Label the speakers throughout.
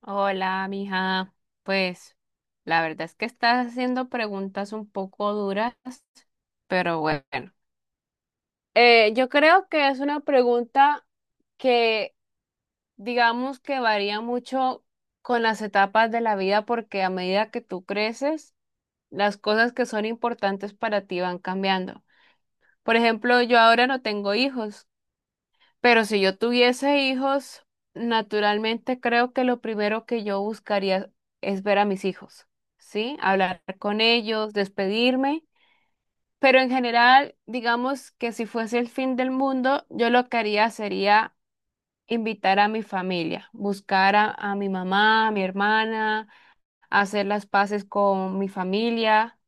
Speaker 1: Hola, mija. Pues la verdad es que estás haciendo preguntas un poco duras, pero bueno. Yo creo que es una pregunta que digamos que varía mucho con las etapas de la vida porque a medida que tú creces, las cosas que son importantes para ti van cambiando. Por ejemplo, yo ahora no tengo hijos. Pero si yo tuviese hijos, naturalmente creo que lo primero que yo buscaría es ver a mis hijos, ¿sí? Hablar con ellos, despedirme. Pero en general, digamos que si fuese el fin del mundo, yo lo que haría sería invitar a mi familia, buscar a mi mamá, a mi hermana, hacer las paces con mi familia,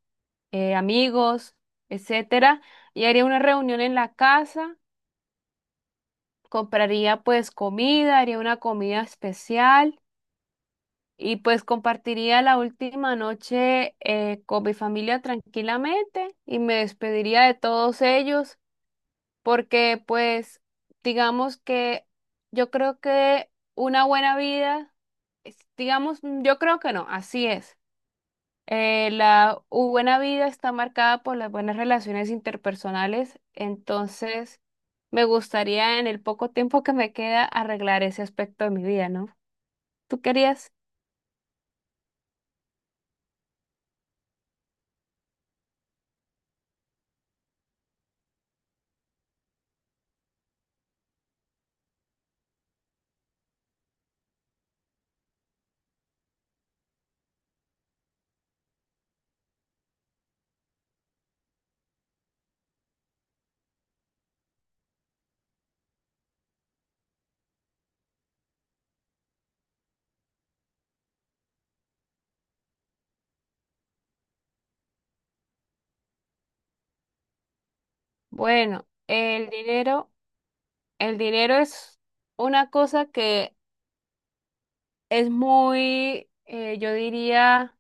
Speaker 1: amigos, etcétera. Y haría una reunión en la casa. Compraría pues comida, haría una comida especial y pues compartiría la última noche con mi familia tranquilamente y me despediría de todos ellos porque pues digamos que yo creo que una buena vida, digamos, yo creo que no, así es. La buena vida está marcada por las buenas relaciones interpersonales, entonces me gustaría en el poco tiempo que me queda arreglar ese aspecto de mi vida, ¿no? ¿Tú querías? Bueno, el dinero es una cosa que es muy, yo diría,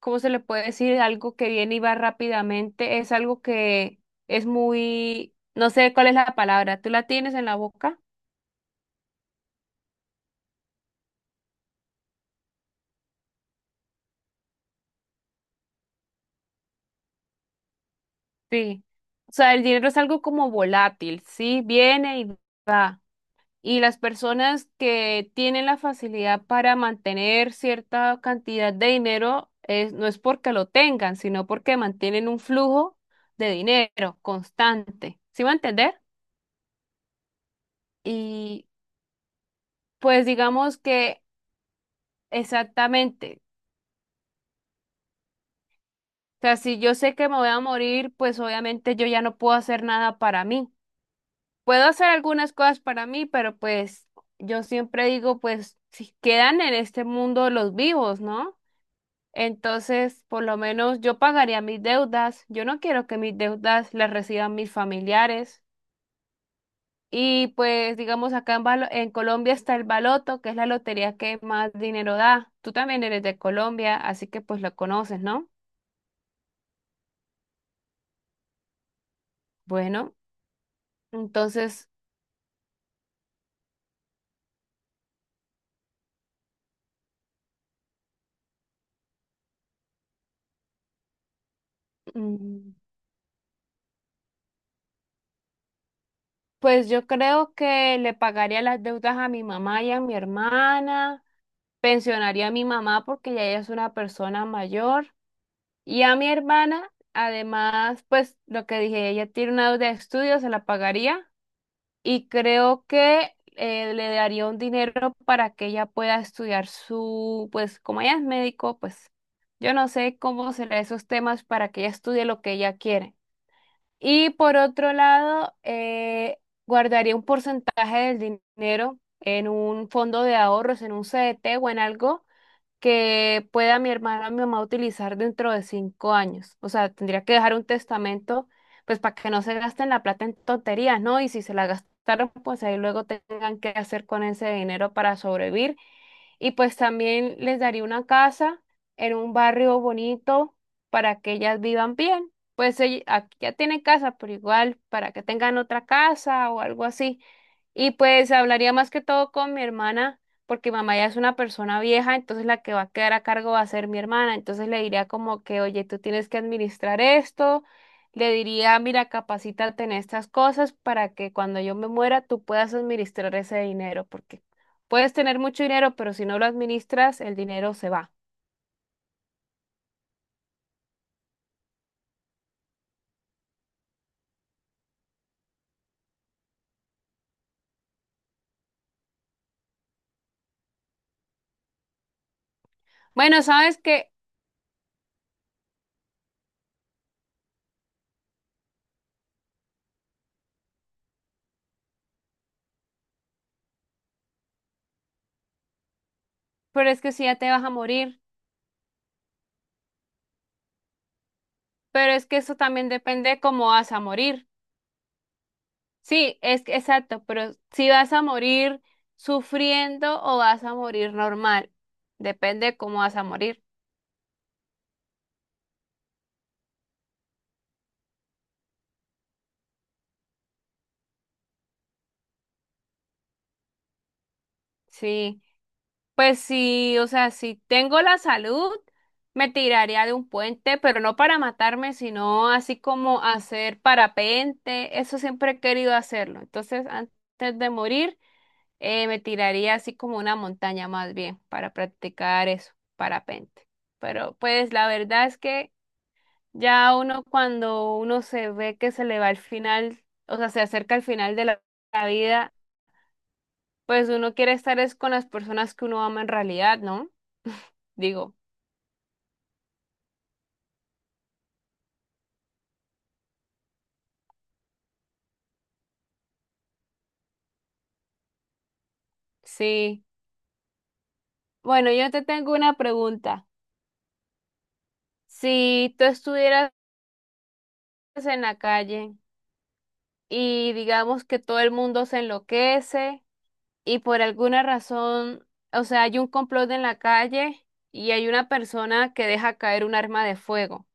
Speaker 1: ¿cómo se le puede decir? Algo que viene y va rápidamente, es algo que es muy, no sé cuál es la palabra, ¿tú la tienes en la boca? Sí, o sea, el dinero es algo como volátil, sí, viene y va. Y las personas que tienen la facilidad para mantener cierta cantidad de dinero es, no es porque lo tengan, sino porque mantienen un flujo de dinero constante. ¿Sí va a entender? Y pues digamos que exactamente, o sea, si yo sé que me voy a morir, pues obviamente yo ya no puedo hacer nada para mí. Puedo hacer algunas cosas para mí, pero pues yo siempre digo, pues si quedan en este mundo los vivos, ¿no? Entonces, por lo menos yo pagaría mis deudas. Yo no quiero que mis deudas las reciban mis familiares. Y pues, digamos, acá en Colombia está el baloto, que es la lotería que más dinero da. Tú también eres de Colombia, así que pues lo conoces, ¿no? Bueno, entonces, mm, pues yo creo que le pagaría las deudas a mi mamá y a mi hermana. Pensionaría a mi mamá porque ya ella es una persona mayor y a mi hermana, además, pues lo que dije, ella tiene una deuda de estudio, se la pagaría y creo que le daría un dinero para que ella pueda estudiar su, pues como ella es médico, pues yo no sé cómo serán esos temas para que ella estudie lo que ella quiere. Y por otro lado, guardaría un porcentaje del dinero en un fondo de ahorros, en un CDT o en algo que pueda mi hermana o mi mamá utilizar dentro de 5 años. O sea, tendría que dejar un testamento, pues para que no se gasten la plata en tonterías, ¿no? Y si se la gastaron, pues ahí luego tengan que hacer con ese dinero para sobrevivir. Y pues también les daría una casa en un barrio bonito para que ellas vivan bien. Aquí ya tienen casa, pero igual para que tengan otra casa o algo así. Y pues hablaría más que todo con mi hermana porque mamá ya es una persona vieja, entonces la que va a quedar a cargo va a ser mi hermana. Entonces le diría como que, oye, tú tienes que administrar esto. Le diría, mira, capacítate en estas cosas para que cuando yo me muera tú puedas administrar ese dinero, porque puedes tener mucho dinero, pero si no lo administras, el dinero se va. Bueno, sabes que, pero es que si ya te vas a morir, pero es que eso también depende de cómo vas a morir. Sí, exacto, pero si vas a morir sufriendo o vas a morir normal, depende de cómo vas a morir. Sí, pues sí, o sea, si tengo la salud, me tiraría de un puente, pero no para matarme, sino así como hacer parapente, eso siempre he querido hacerlo. Entonces, antes de morir, me tiraría así como una montaña más bien para practicar eso, parapente. Pero pues la verdad es que... Ya uno cuando uno se ve que se le va al final, o sea, se acerca al final de la vida, pues uno quiere estar es con las personas que uno ama en realidad, ¿no? Digo, sí. Bueno, yo te tengo una pregunta. Si tú estuvieras en la calle y digamos que todo el mundo se enloquece y por alguna razón, o sea, hay un complot en la calle y hay una persona que deja caer un arma de fuego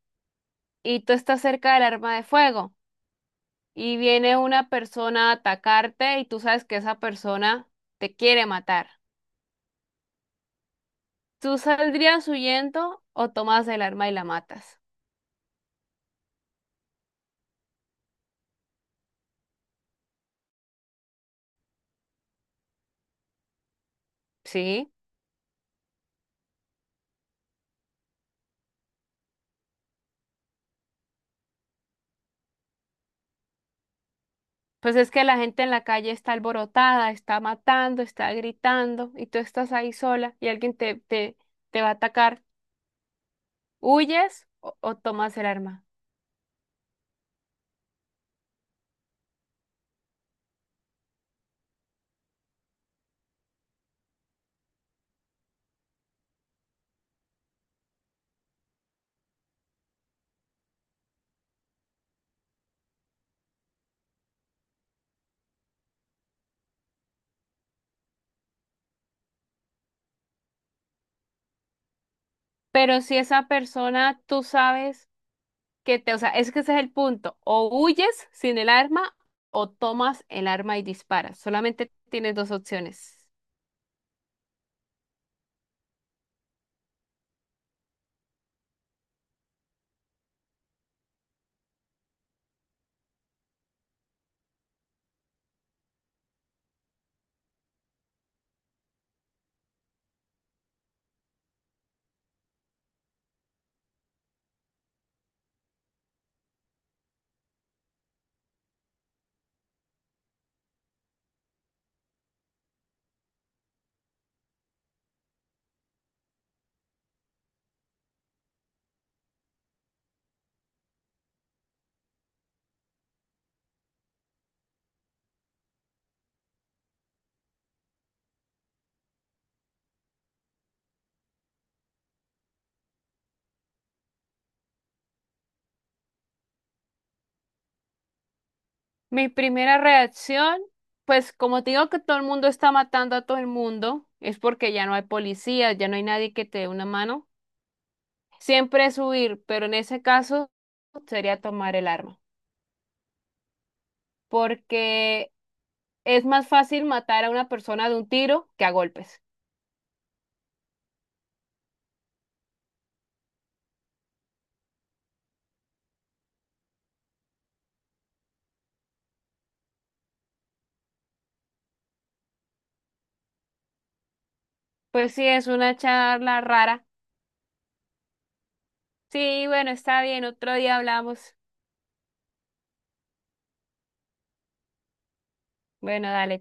Speaker 1: y tú estás cerca del arma de fuego. Y viene una persona a atacarte y tú sabes que esa persona te quiere matar. ¿Tú saldrías huyendo o tomas el arma y la matas? Sí. Pues es que la gente en la calle está alborotada, está matando, está gritando y tú estás ahí sola y alguien te va a atacar. ¿Huyes o tomas el arma? Pero si esa persona tú sabes que te, o sea, es que ese es el punto. O huyes sin el arma o tomas el arma y disparas. Solamente tienes dos opciones. Mi primera reacción, pues como te digo que todo el mundo está matando a todo el mundo, es porque ya no hay policía, ya no hay nadie que te dé una mano. Siempre es huir, pero en ese caso sería tomar el arma, porque es más fácil matar a una persona de un tiro que a golpes. Pues sí, es una charla rara. Sí, bueno, está bien, otro día hablamos. Bueno, dale.